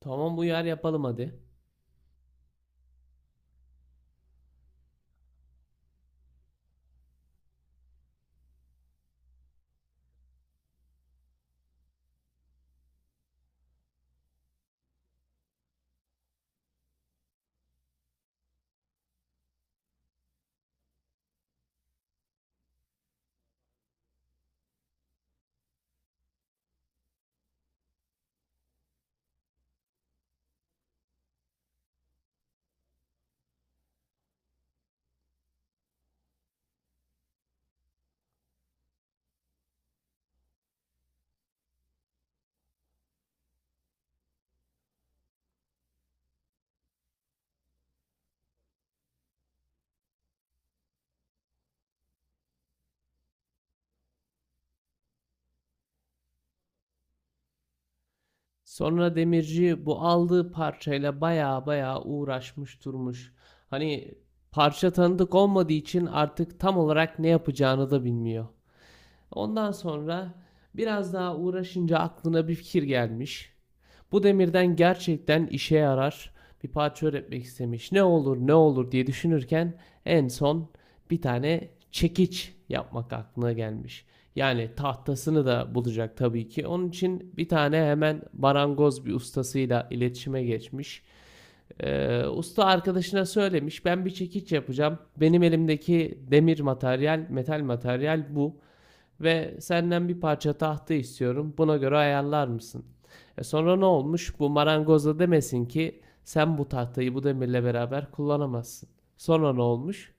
Tamam uyar, yapalım hadi. Sonra demirci bu aldığı parçayla baya baya uğraşmış durmuş. Hani parça tanıdık olmadığı için artık tam olarak ne yapacağını da bilmiyor. Ondan sonra biraz daha uğraşınca aklına bir fikir gelmiş. Bu demirden gerçekten işe yarar bir parça üretmek istemiş. Ne olur ne olur diye düşünürken en son bir tane çekiç yapmak aklına gelmiş. Yani tahtasını da bulacak tabii ki. Onun için bir tane hemen barangoz bir ustasıyla iletişime geçmiş. Usta arkadaşına söylemiş ben bir çekiç yapacağım. Benim elimdeki demir materyal, metal materyal bu. Ve senden bir parça tahta istiyorum. Buna göre ayarlar mısın? E sonra ne olmuş? Bu marangoz da demesin ki sen bu tahtayı bu demirle beraber kullanamazsın. Sonra ne olmuş?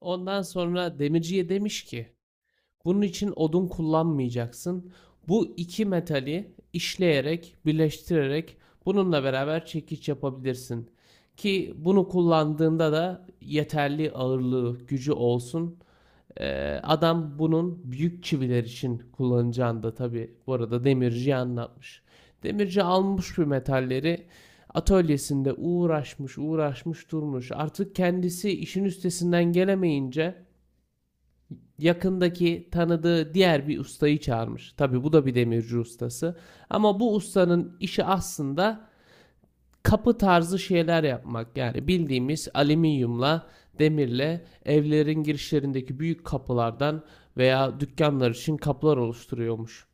Ondan sonra demirciye demiş ki bunun için odun kullanmayacaksın. Bu iki metali işleyerek, birleştirerek bununla beraber çekiç yapabilirsin. Ki bunu kullandığında da yeterli ağırlığı, gücü olsun. Adam bunun büyük çiviler için kullanacağını da tabii bu arada demirciye anlatmış. Demirci almış bu metalleri atölyesinde uğraşmış uğraşmış durmuş. Artık kendisi işin üstesinden gelemeyince yakındaki tanıdığı diğer bir ustayı çağırmış. Tabi bu da bir demirci ustası. Ama bu ustanın işi aslında kapı tarzı şeyler yapmak. Yani bildiğimiz alüminyumla, demirle evlerin girişlerindeki büyük kapılardan veya dükkanlar için kapılar oluşturuyormuş.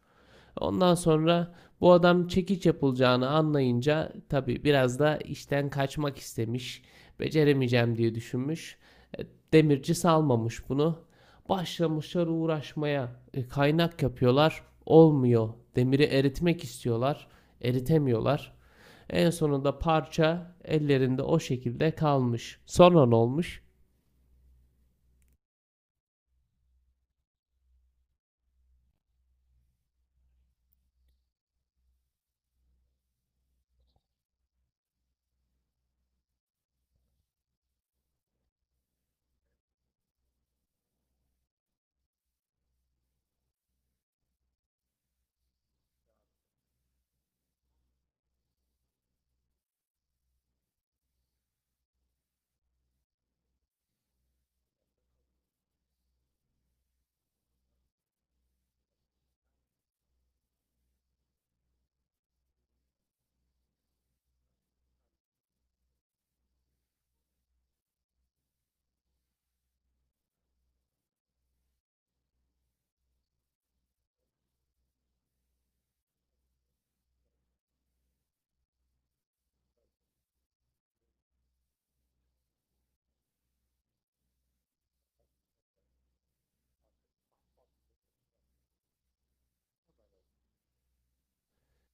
Ondan sonra bu adam çekiç yapılacağını anlayınca tabii biraz da işten kaçmak istemiş. Beceremeyeceğim diye düşünmüş. E, Demirci salmamış bunu. Başlamışlar uğraşmaya. Kaynak yapıyorlar. Olmuyor. Demiri eritmek istiyorlar. Eritemiyorlar. En sonunda parça ellerinde o şekilde kalmış. Sonra ne olmuş?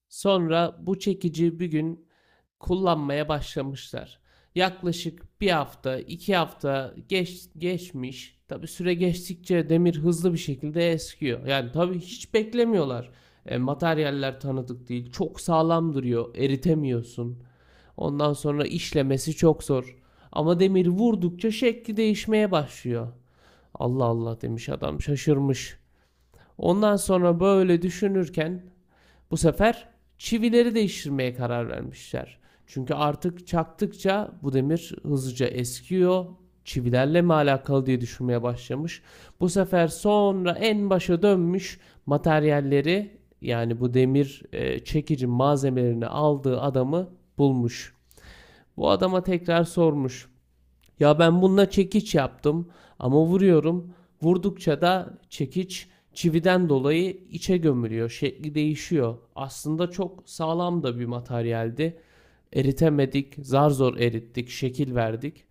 Sonra bu çekici bir gün kullanmaya başlamışlar. Yaklaşık bir hafta, iki hafta geçmiş. Tabi süre geçtikçe demir hızlı bir şekilde eskiyor. Yani tabi hiç beklemiyorlar. Materyaller tanıdık değil. Çok sağlam duruyor. Eritemiyorsun. Ondan sonra işlemesi çok zor. Ama demir vurdukça şekli değişmeye başlıyor. Allah Allah demiş, adam şaşırmış. Ondan sonra böyle düşünürken bu sefer çivileri değiştirmeye karar vermişler. Çünkü artık çaktıkça bu demir hızlıca eskiyor. Çivilerle mi alakalı diye düşünmeye başlamış. Bu sefer sonra en başa dönmüş, materyalleri yani bu demir çekici malzemelerini aldığı adamı bulmuş. Bu adama tekrar sormuş. Ya ben bununla çekiç yaptım ama vuruyorum. Vurdukça da çekiç çividen dolayı içe gömülüyor. Şekli değişiyor. Aslında çok sağlam da bir materyaldi. Eritemedik, zar zor erittik, şekil verdik.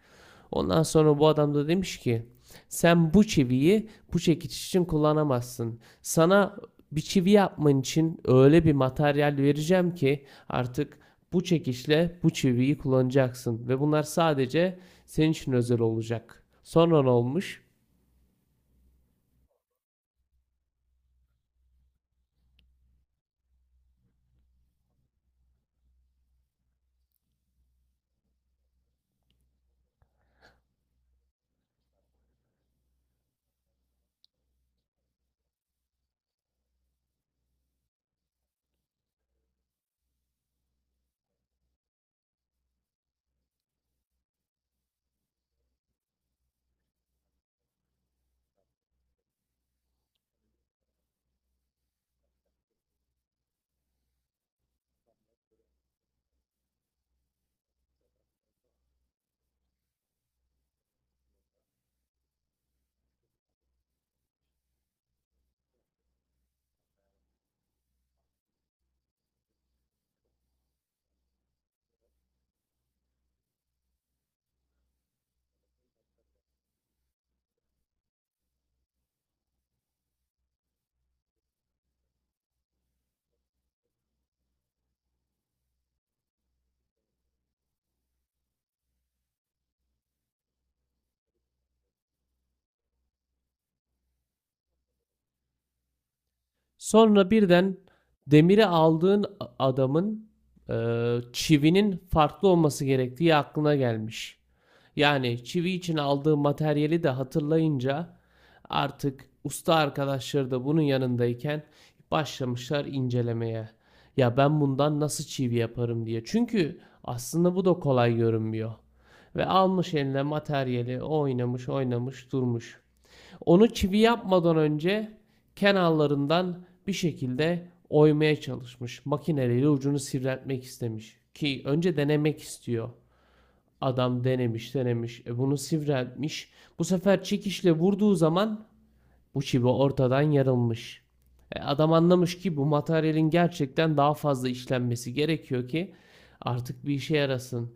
Ondan sonra bu adam da demiş ki sen bu çiviyi bu çekiç için kullanamazsın. Sana bir çivi yapman için öyle bir materyal vereceğim ki artık bu çekiçle bu çiviyi kullanacaksın ve bunlar sadece senin için özel olacak. Sonra ne olmuş? Sonra birden demiri aldığın adamın e, çivinin farklı olması gerektiği aklına gelmiş. Yani çivi için aldığım materyali de hatırlayınca artık usta arkadaşları da bunun yanındayken başlamışlar incelemeye. Ya ben bundan nasıl çivi yaparım diye. Çünkü aslında bu da kolay görünmüyor. Ve almış eline materyali oynamış oynamış durmuş. Onu çivi yapmadan önce kenarlarından bir şekilde oymaya çalışmış. Makineleriyle ucunu sivriltmek istemiş. Ki önce denemek istiyor. Adam denemiş denemiş. E bunu sivriltmiş. Bu sefer çekişle vurduğu zaman bu çivi ortadan yarılmış. E adam anlamış ki bu materyalin gerçekten daha fazla işlenmesi gerekiyor ki artık bir işe yarasın.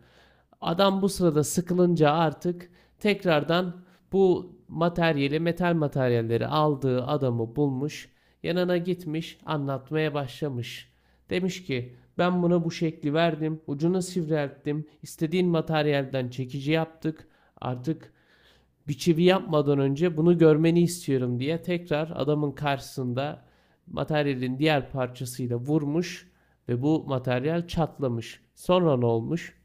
Adam bu sırada sıkılınca artık tekrardan bu materyali, metal materyalleri aldığı adamı bulmuş. Yanına gitmiş, anlatmaya başlamış. Demiş ki ben buna bu şekli verdim, ucunu sivrilttim, istediğin materyalden çekici yaptık. Artık bir çivi yapmadan önce bunu görmeni istiyorum diye tekrar adamın karşısında materyalin diğer parçasıyla vurmuş ve bu materyal çatlamış. Sonra ne olmuş?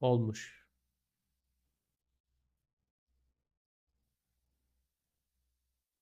Olmuş.